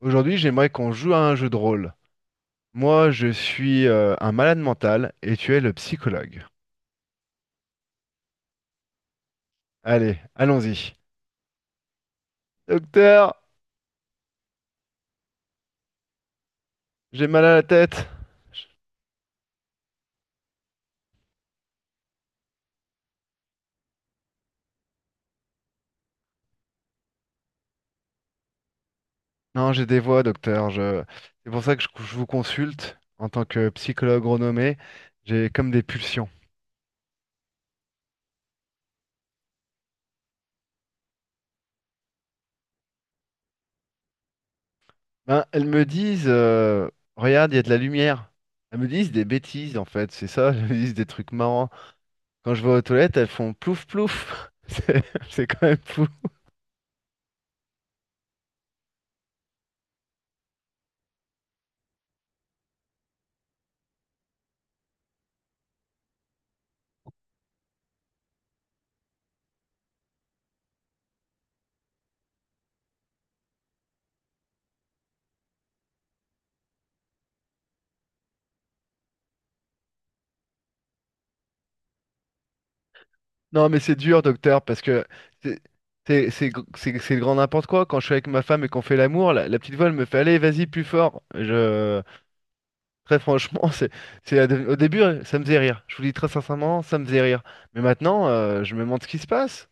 Aujourd'hui, j'aimerais qu'on joue à un jeu de rôle. Moi, je suis un malade mental et tu es le psychologue. Allez, allons-y. Docteur, j'ai mal à la tête. Non, j'ai des voix, docteur. Je... C'est pour ça que je vous consulte en tant que psychologue renommé. J'ai comme des pulsions. Ben, elles me disent, regarde, il y a de la lumière. Elles me disent des bêtises, en fait, c'est ça. Elles me disent des trucs marrants. Quand je vais aux toilettes, elles font plouf plouf. C'est quand même fou. Non, mais c'est dur, docteur, parce que c'est c'est le grand n'importe quoi. Quand je suis avec ma femme et qu'on fait l'amour, la petite voix, elle me fait, allez, vas-y, plus fort. Je... Très franchement, c'est, au début, ça me faisait rire. Je vous dis très sincèrement, ça me faisait rire. Mais maintenant, je me demande ce qui se passe.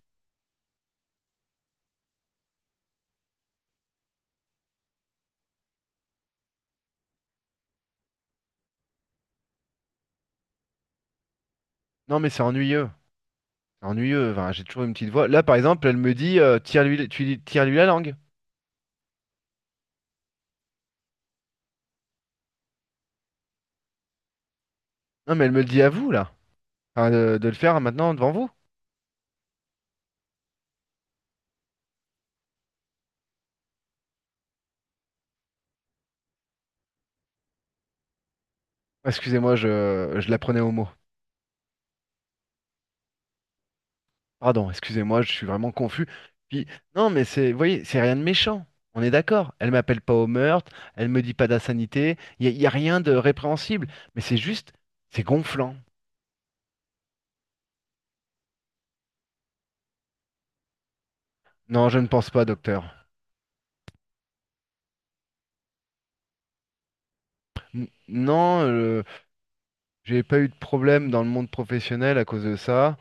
Non, mais c'est ennuyeux. C'est ennuyeux. Enfin, j'ai toujours une petite voix. Là, par exemple, elle me dit, tire-lui la langue. Non, mais elle me le dit à vous, là. Enfin, de le faire maintenant devant vous. Excusez-moi, je la prenais au mot. Pardon, excusez-moi, je suis vraiment confus. Puis, non, mais c'est, vous voyez, c'est rien de méchant. On est d'accord. Elle m'appelle pas au meurtre, elle me dit pas d'insanité, il y, a y a rien de répréhensible. Mais c'est juste, c'est gonflant. Non, je ne pense pas, docteur. Non, j'ai pas eu de problème dans le monde professionnel à cause de ça.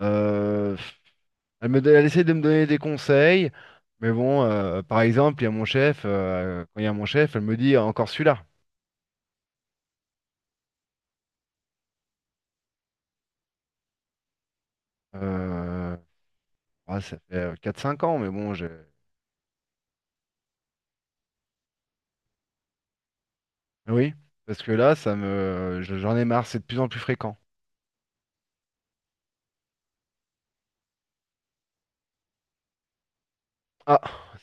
Euh, elle elle essaie de me donner des conseils, mais bon, par exemple, il y a mon chef, quand il y a mon chef, elle me dit encore celui-là. Euh, ah, ça fait 4-5 ans, mais bon, j'ai. Oui, parce que là, j'en ai marre, c'est de plus en plus fréquent. Ah,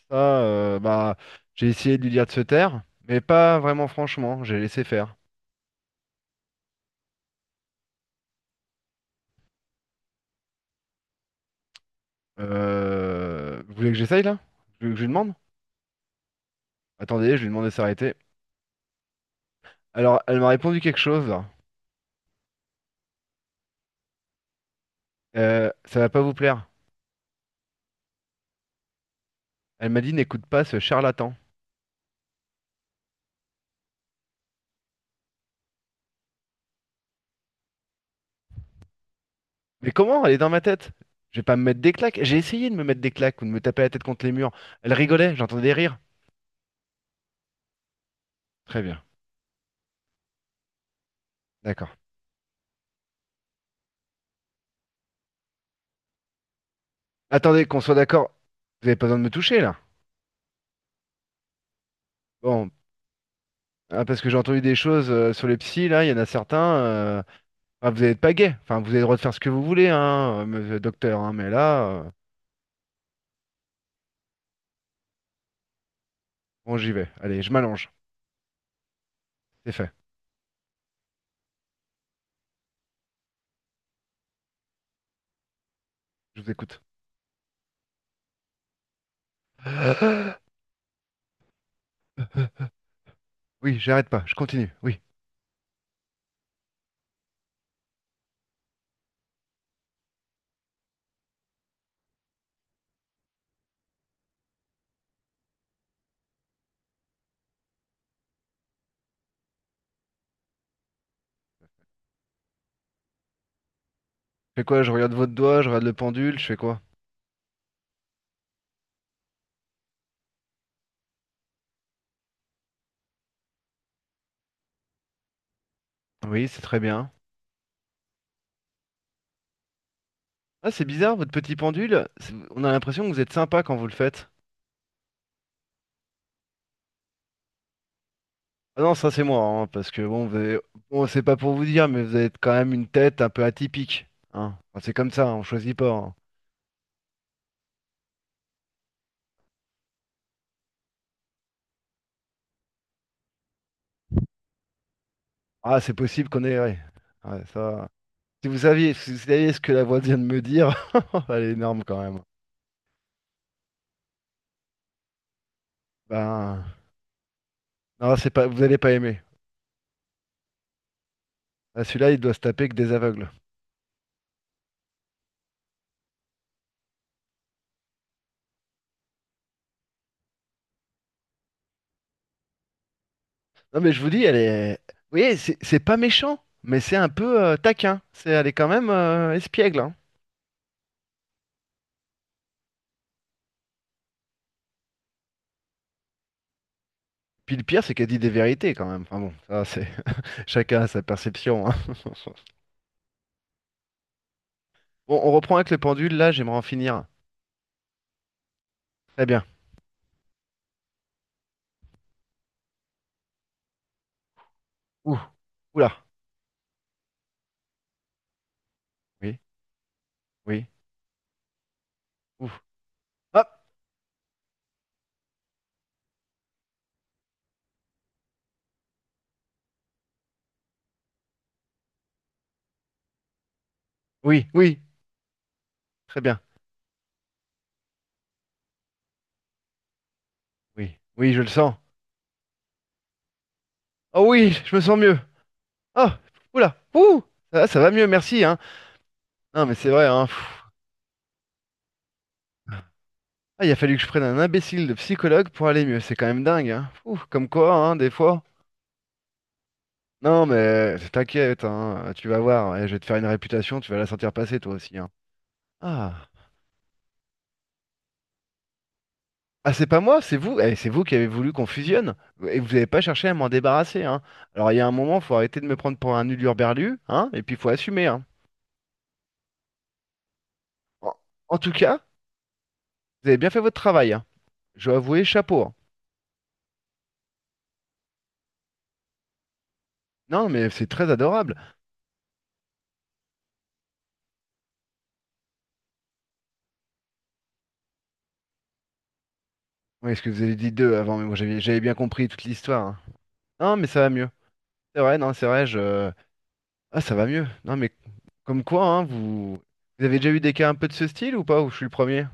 ça, bah, j'ai essayé de lui dire de se taire, mais pas vraiment franchement, j'ai laissé faire. Vous voulez que j'essaye là? Vous voulez que je lui demande? Attendez, je lui demande de s'arrêter. Alors, elle m'a répondu quelque chose. Ça va pas vous plaire. Elle m'a dit, n'écoute pas ce charlatan. Mais comment? Elle est dans ma tête. Je vais pas me mettre des claques. J'ai essayé de me mettre des claques ou de me taper la tête contre les murs. Elle rigolait, j'entendais des rires. Très bien, d'accord. Attendez, qu'on soit d'accord. Vous avez pas besoin de me toucher là. Bon, ah, parce que j'ai entendu des choses sur les psys, là, il y en a certains. Ah, vous n'êtes pas gay. Enfin, vous avez le droit de faire ce que vous voulez, hein, monsieur le docteur, hein, mais là, bon, j'y vais. Allez, je m'allonge. C'est fait. Je vous écoute. Oui, j'arrête pas, je continue. Oui. Je fais quoi? Je regarde votre doigt, je regarde le pendule, je fais quoi? Oui, c'est très bien. Ah, c'est bizarre, votre petit pendule, on a l'impression que vous êtes sympa quand vous le faites. Ah non, ça c'est moi, hein, parce que bon, bon, c'est pas pour vous dire, mais vous avez quand même une tête un peu atypique. Hein. Enfin, c'est comme ça, on choisit pas. Hein. Ah, c'est possible qu'on ait. Ouais. Ouais, ça... Si vous saviez, si vous saviez ce que la voix vient de me dire, elle est énorme quand même. Ben, non, c'est pas, vous allez pas aimer. Ah, celui-là, il doit se taper que des aveugles. Non, mais je vous dis, elle est. Vous voyez, c'est pas méchant, mais c'est un peu taquin. Elle est quand même espiègle. Hein. Puis le pire, c'est qu'elle dit des vérités quand même. Enfin bon, ça, c'est chacun a sa perception. Hein. Bon, on reprend avec le pendule. Là, j'aimerais en finir. Très bien. Ouh, oula. Oui, oui, ouh. Ah, oui, oui. Très bien. Oui, oui, je le sens. Oh oui, je me sens mieux. Oh, oula, ouh, ça va mieux, merci, hein. Non, mais c'est vrai, hein. pfff. Ah, il a fallu que je prenne un imbécile de psychologue pour aller mieux, c'est quand même dingue, hein. Ouh, comme quoi, hein, des fois. Non, mais t'inquiète, hein, tu vas voir, ouais, je vais te faire une réputation, tu vas la sentir passer toi aussi, hein. Ah, ah, c'est pas moi, c'est vous, eh, c'est vous qui avez voulu qu'on fusionne, et vous n'avez pas cherché à m'en débarrasser, hein. Alors il y a un moment, faut arrêter de me prendre pour un hurluberlu, hein, et puis faut assumer, hein. En, en tout cas, vous avez bien fait votre travail, hein. Je dois avouer, chapeau. Hein. Non, mais c'est très adorable. Oui, est-ce que vous avez dit deux avant, mais moi j'avais bien compris toute l'histoire. Hein. Non, mais ça va mieux. C'est vrai, non, c'est vrai, je... Ah, ça va mieux. Non, mais comme quoi, hein, vous... Vous avez déjà eu des cas un peu de ce style ou pas, ou je suis le premier?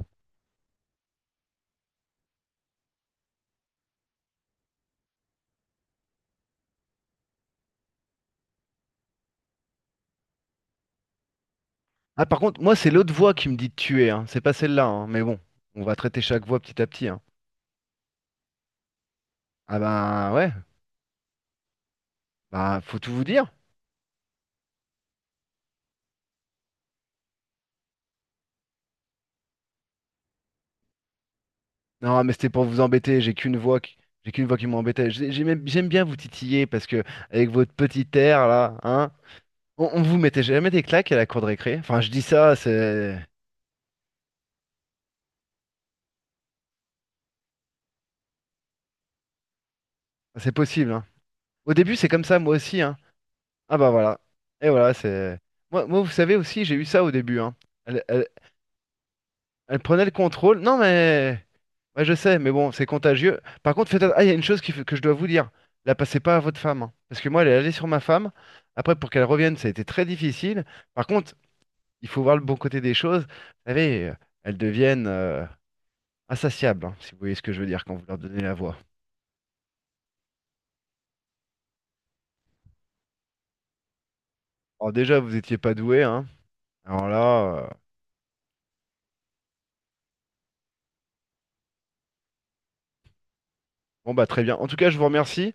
Ah, par contre, moi, c'est l'autre voix qui me dit de tuer, hein. C'est pas celle-là, hein. Mais bon, on va traiter chaque voix petit à petit, hein. Ah bah, ouais, bah, faut tout vous dire. Non, mais c'était pour vous embêter, j'ai qu'une voix qui... J'ai qu'une voix qui m'embêtait. J'aime bien vous titiller parce que avec votre petit air là, hein, On vous mettait jamais des claques à la cour de récré? Enfin, je dis ça, c'est possible, hein. Au début, c'est comme ça, moi aussi, hein. Ah bah voilà. Et voilà, c'est. Moi, vous savez aussi, j'ai eu ça au début, hein. Elle, elle- elle prenait le contrôle. Non, mais. Ouais, je sais, mais bon, c'est contagieux. Par contre, Ah, il y a une chose que je dois vous dire. La passez pas à votre femme, hein. Parce que moi, elle est allée sur ma femme. Après, pour qu'elle revienne, ça a été très difficile. Par contre, il faut voir le bon côté des choses. Vous savez, elles deviennent insatiables, hein, si vous voyez ce que je veux dire quand vous leur donnez la voix. Alors déjà, vous n'étiez pas doué, hein. Alors là, bon bah très bien. En tout cas, je vous remercie.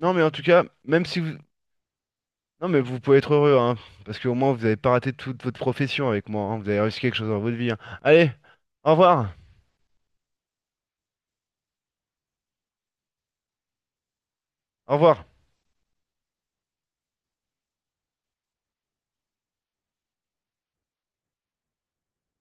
Non, mais en tout cas, même si vous, non mais vous pouvez être heureux, hein, parce qu'au moins vous avez pas raté toute votre profession avec moi. Hein. Vous avez réussi quelque chose dans votre vie. Hein. Allez, au revoir, au revoir.